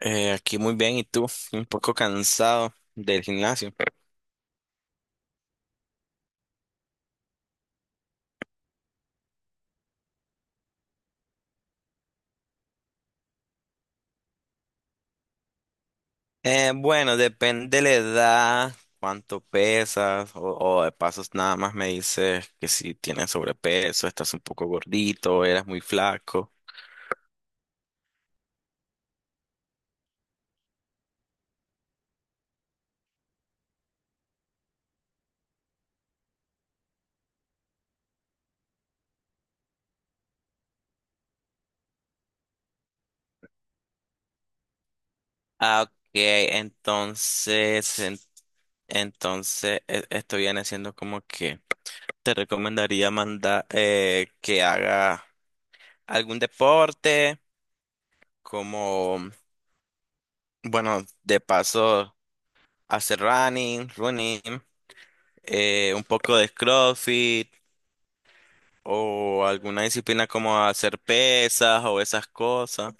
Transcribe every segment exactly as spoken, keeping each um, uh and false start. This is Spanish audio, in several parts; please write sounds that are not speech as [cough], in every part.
Eh, aquí muy bien, ¿y tú? Un poco cansado del gimnasio. Eh, bueno, depende de la edad, cuánto pesas, o, o de pasos nada más me dices que si tienes sobrepeso, estás un poco gordito, eras muy flaco. Ah, ok, entonces, en- entonces e- esto viene siendo como que te recomendaría mandar eh, que haga algún deporte, como, bueno, de paso, hacer running, running, eh, un poco de CrossFit o alguna disciplina como hacer pesas o esas cosas.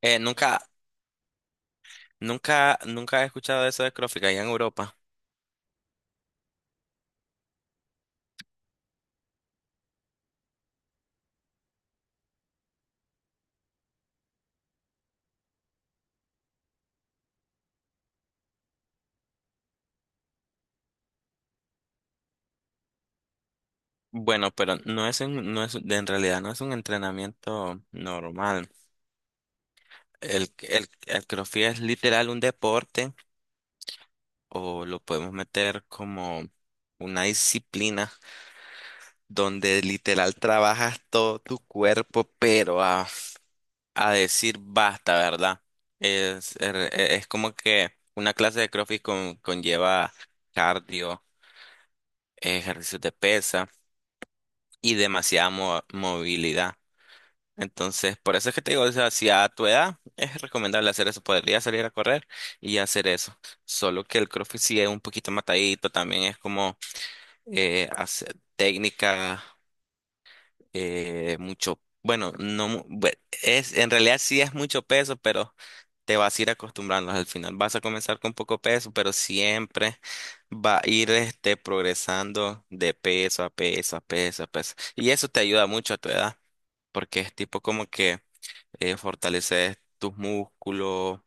Eh, nunca, nunca, nunca he escuchado de eso de CrossFit allá en Europa. Bueno, pero no es un- no es, en realidad no es un entrenamiento normal. El, el, el CrossFit es literal un deporte o lo podemos meter como una disciplina donde literal trabajas todo tu cuerpo, pero ah. a decir basta, ¿verdad? Es, er- e- es como que una clase de CrossFit con- conlleva cardio, ejercicios de pesa y demasiada mo- movilidad. Entonces, por eso es que te digo, o sea, si a tu edad es recomendable hacer eso, podría salir a correr y hacer eso. Solo que el CrossFit sí es un poquito matadito, también es como eh, hacer técnica eh, mucho, bueno, no, mu- bue- es, en realidad sí es mucho peso, pero te vas a ir acostumbrando al final. Vas a comenzar con poco peso, pero siempre va a ir este, progresando de peso a peso a peso a peso. Y eso te ayuda mucho a tu edad, porque es tipo como que eh, fortaleces tus músculos.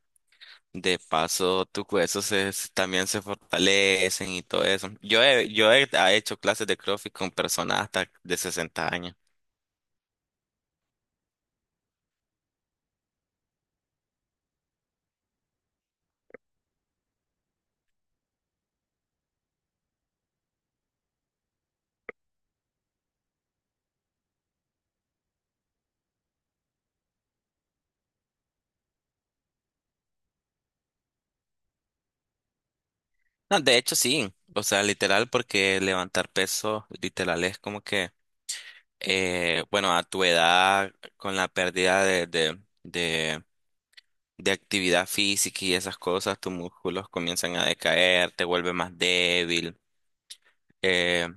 De paso, tus huesos se- se- también se fortalecen y todo eso. Yo he, yo he ha hecho clases de CrossFit con personas hasta de sesenta años. No, de hecho sí, o sea, literal, porque levantar peso, literal, es como que, eh, bueno, a tu edad, con la pérdida de, de, de, de actividad física y esas cosas, tus músculos comienzan a decaer, te vuelves más débil, eh,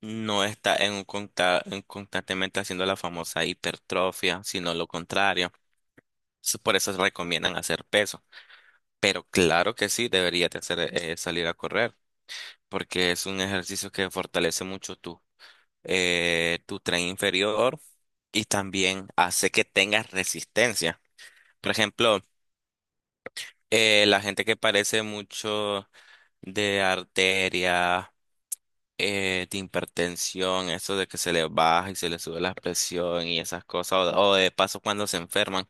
no estás en un conta- en constantemente haciendo la famosa hipertrofia, sino lo contrario. Entonces, por eso recomiendan hacer peso. Pero claro que sí, deberías de hacer, eh, salir a correr porque es un ejercicio que fortalece mucho eh, tu tren inferior y también hace que tengas resistencia. Por ejemplo, eh, la gente que padece mucho de arteria, eh, de hipertensión, eso de que se le baja y se le sube la presión y esas cosas, o, o de paso cuando se enferman. O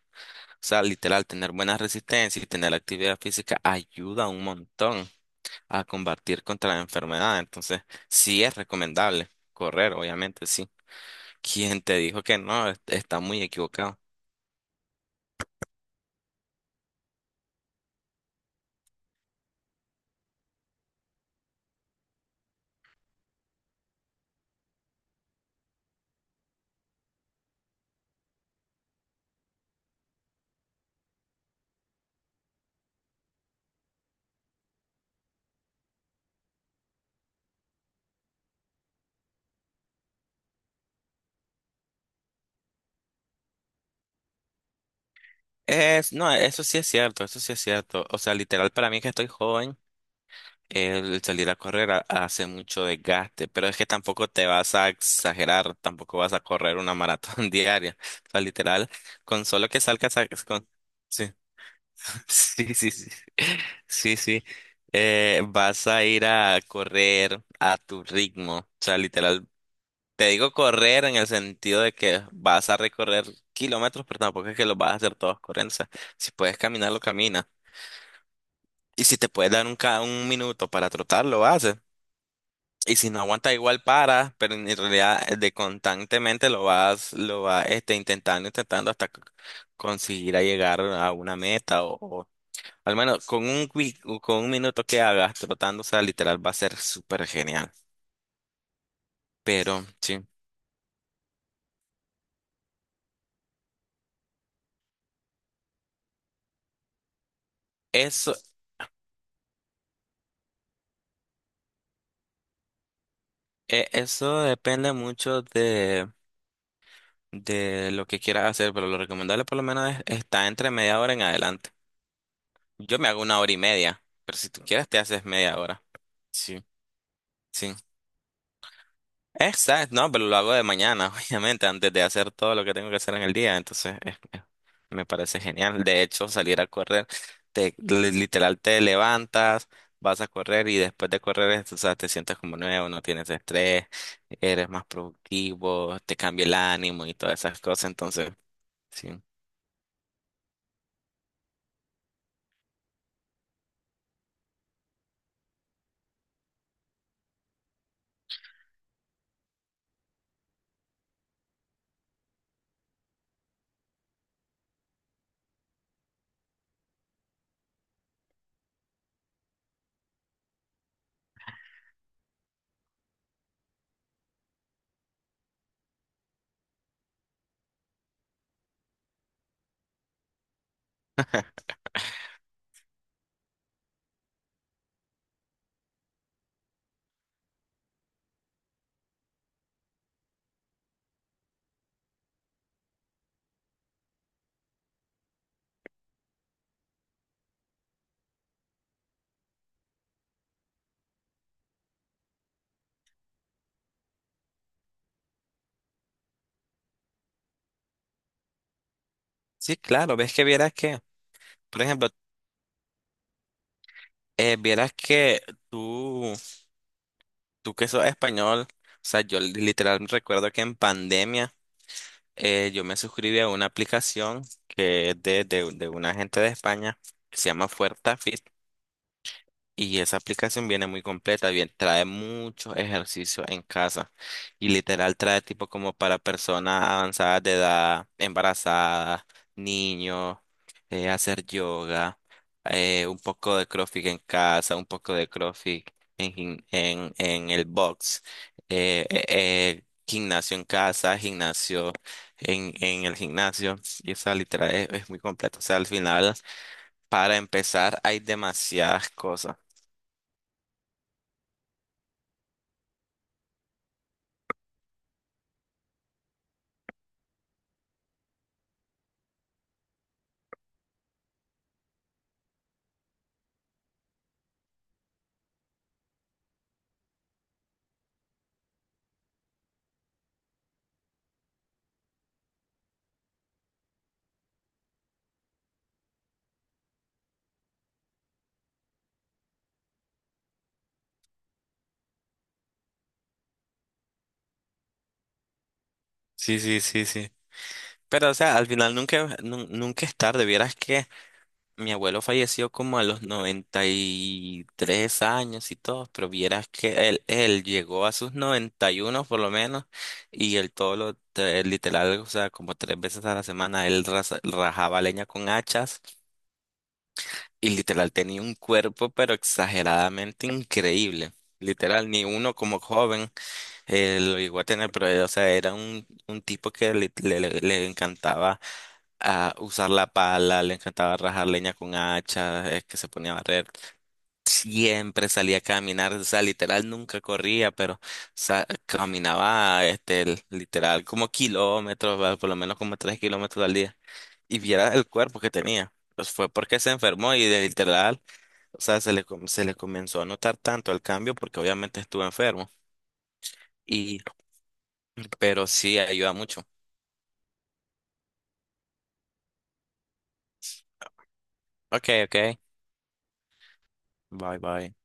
sea, literal, tener buena resistencia y tener actividad física ayuda un montón a combatir contra la enfermedad. Entonces, sí es recomendable correr, obviamente, sí. ¿Quién te dijo que no? Es- Está muy equivocado. Es, no, eso sí es cierto, eso sí es cierto. O sea, literal, para mí que estoy joven, el salir a correr ha- hace mucho desgaste, pero es que tampoco te vas a exagerar, tampoco vas a correr una maratón [laughs] diaria. O sea, literal, con solo que salgas a... Con, sí. Sí, sí, sí. Sí, sí. Eh, vas a ir a correr a tu ritmo. O sea, literal. Te digo correr en el sentido de que vas a recorrer kilómetros, pero tampoco es que los vas a hacer todos corriendo. O sea, si puedes caminarlo, camina. Y si te puedes dar un, ca- un minuto para trotar, lo haces. Y si no aguanta, igual para, pero en realidad eh, de constantemente lo vas, lo vas este, intentando, intentando hasta c- conseguir a llegar a una meta o, al menos con un, wi- con un minuto que hagas trotando, o sea, literal va a ser súper genial. Pero sí, eso, eh, eso depende mucho de, de lo que quieras hacer, pero lo recomendable por lo menos es, está entre media hora en adelante. Yo me hago una hora y media, pero si tú quieres te haces media hora. Sí, sí. Exacto, no, pero lo hago de mañana, [laughs] obviamente, antes de hacer todo lo que tengo que hacer en el día. Entonces, es- es- me parece genial. De hecho, salir a correr, te, li- literal te levantas, vas a correr y después de correr, es- o sea, te sientes como nuevo, no tienes estrés, eres más productivo, te cambia el ánimo y todas esas cosas. Entonces, sí. Sí, claro, ves que vieras que, por ejemplo, eh, vieras que tú, tú que sos español, o sea, yo li- literal recuerdo que en pandemia. Eh, yo me suscribí a una aplicación que es de, de, de una gente de España que se llama Fuerza y esa aplicación viene muy completa, bien, trae muchos ejercicios en casa y literal trae tipo como para personas avanzadas de edad, embarazadas, niños, eh, hacer yoga, eh, un poco de CrossFit en casa, un poco de CrossFit en, gim- en, en el box, eh, eh, eh, gimnasio en casa, gimnasio en, en el gimnasio y esa literal es, es muy completa, o sea, al final para empezar hay demasiadas cosas. Sí, sí, sí, sí. Pero, o sea, al final nunca, nun- nunca es tarde. Vieras que mi abuelo falleció como a los noventa y tres años y todo, pero vieras que él, él llegó a sus noventa y uno por lo menos, y él todo lo, te- literal, o sea, como tres veces a la semana, él raza- rajaba leña con hachas y literal tenía un cuerpo, pero exageradamente increíble. Literal, ni uno como joven eh, lo llegó a tener, pero, eh, o sea, era un, un tipo que le le- le- le encantaba a usar la pala, le encantaba rajar leña con hacha, es que se ponía a barrer. Siempre salía a caminar, o sea, literal nunca corría, pero sa- caminaba, este, l- literal como kilómetros, ¿verdad? Por lo menos como tres kilómetros al día. Y viera el cuerpo que tenía. Pues fue porque se enfermó y de literal, o sea, se le, com- se le comenzó a notar tanto el cambio porque obviamente estuvo enfermo. Y, pero sí ayuda mucho. Ok, ok. Bye, bye.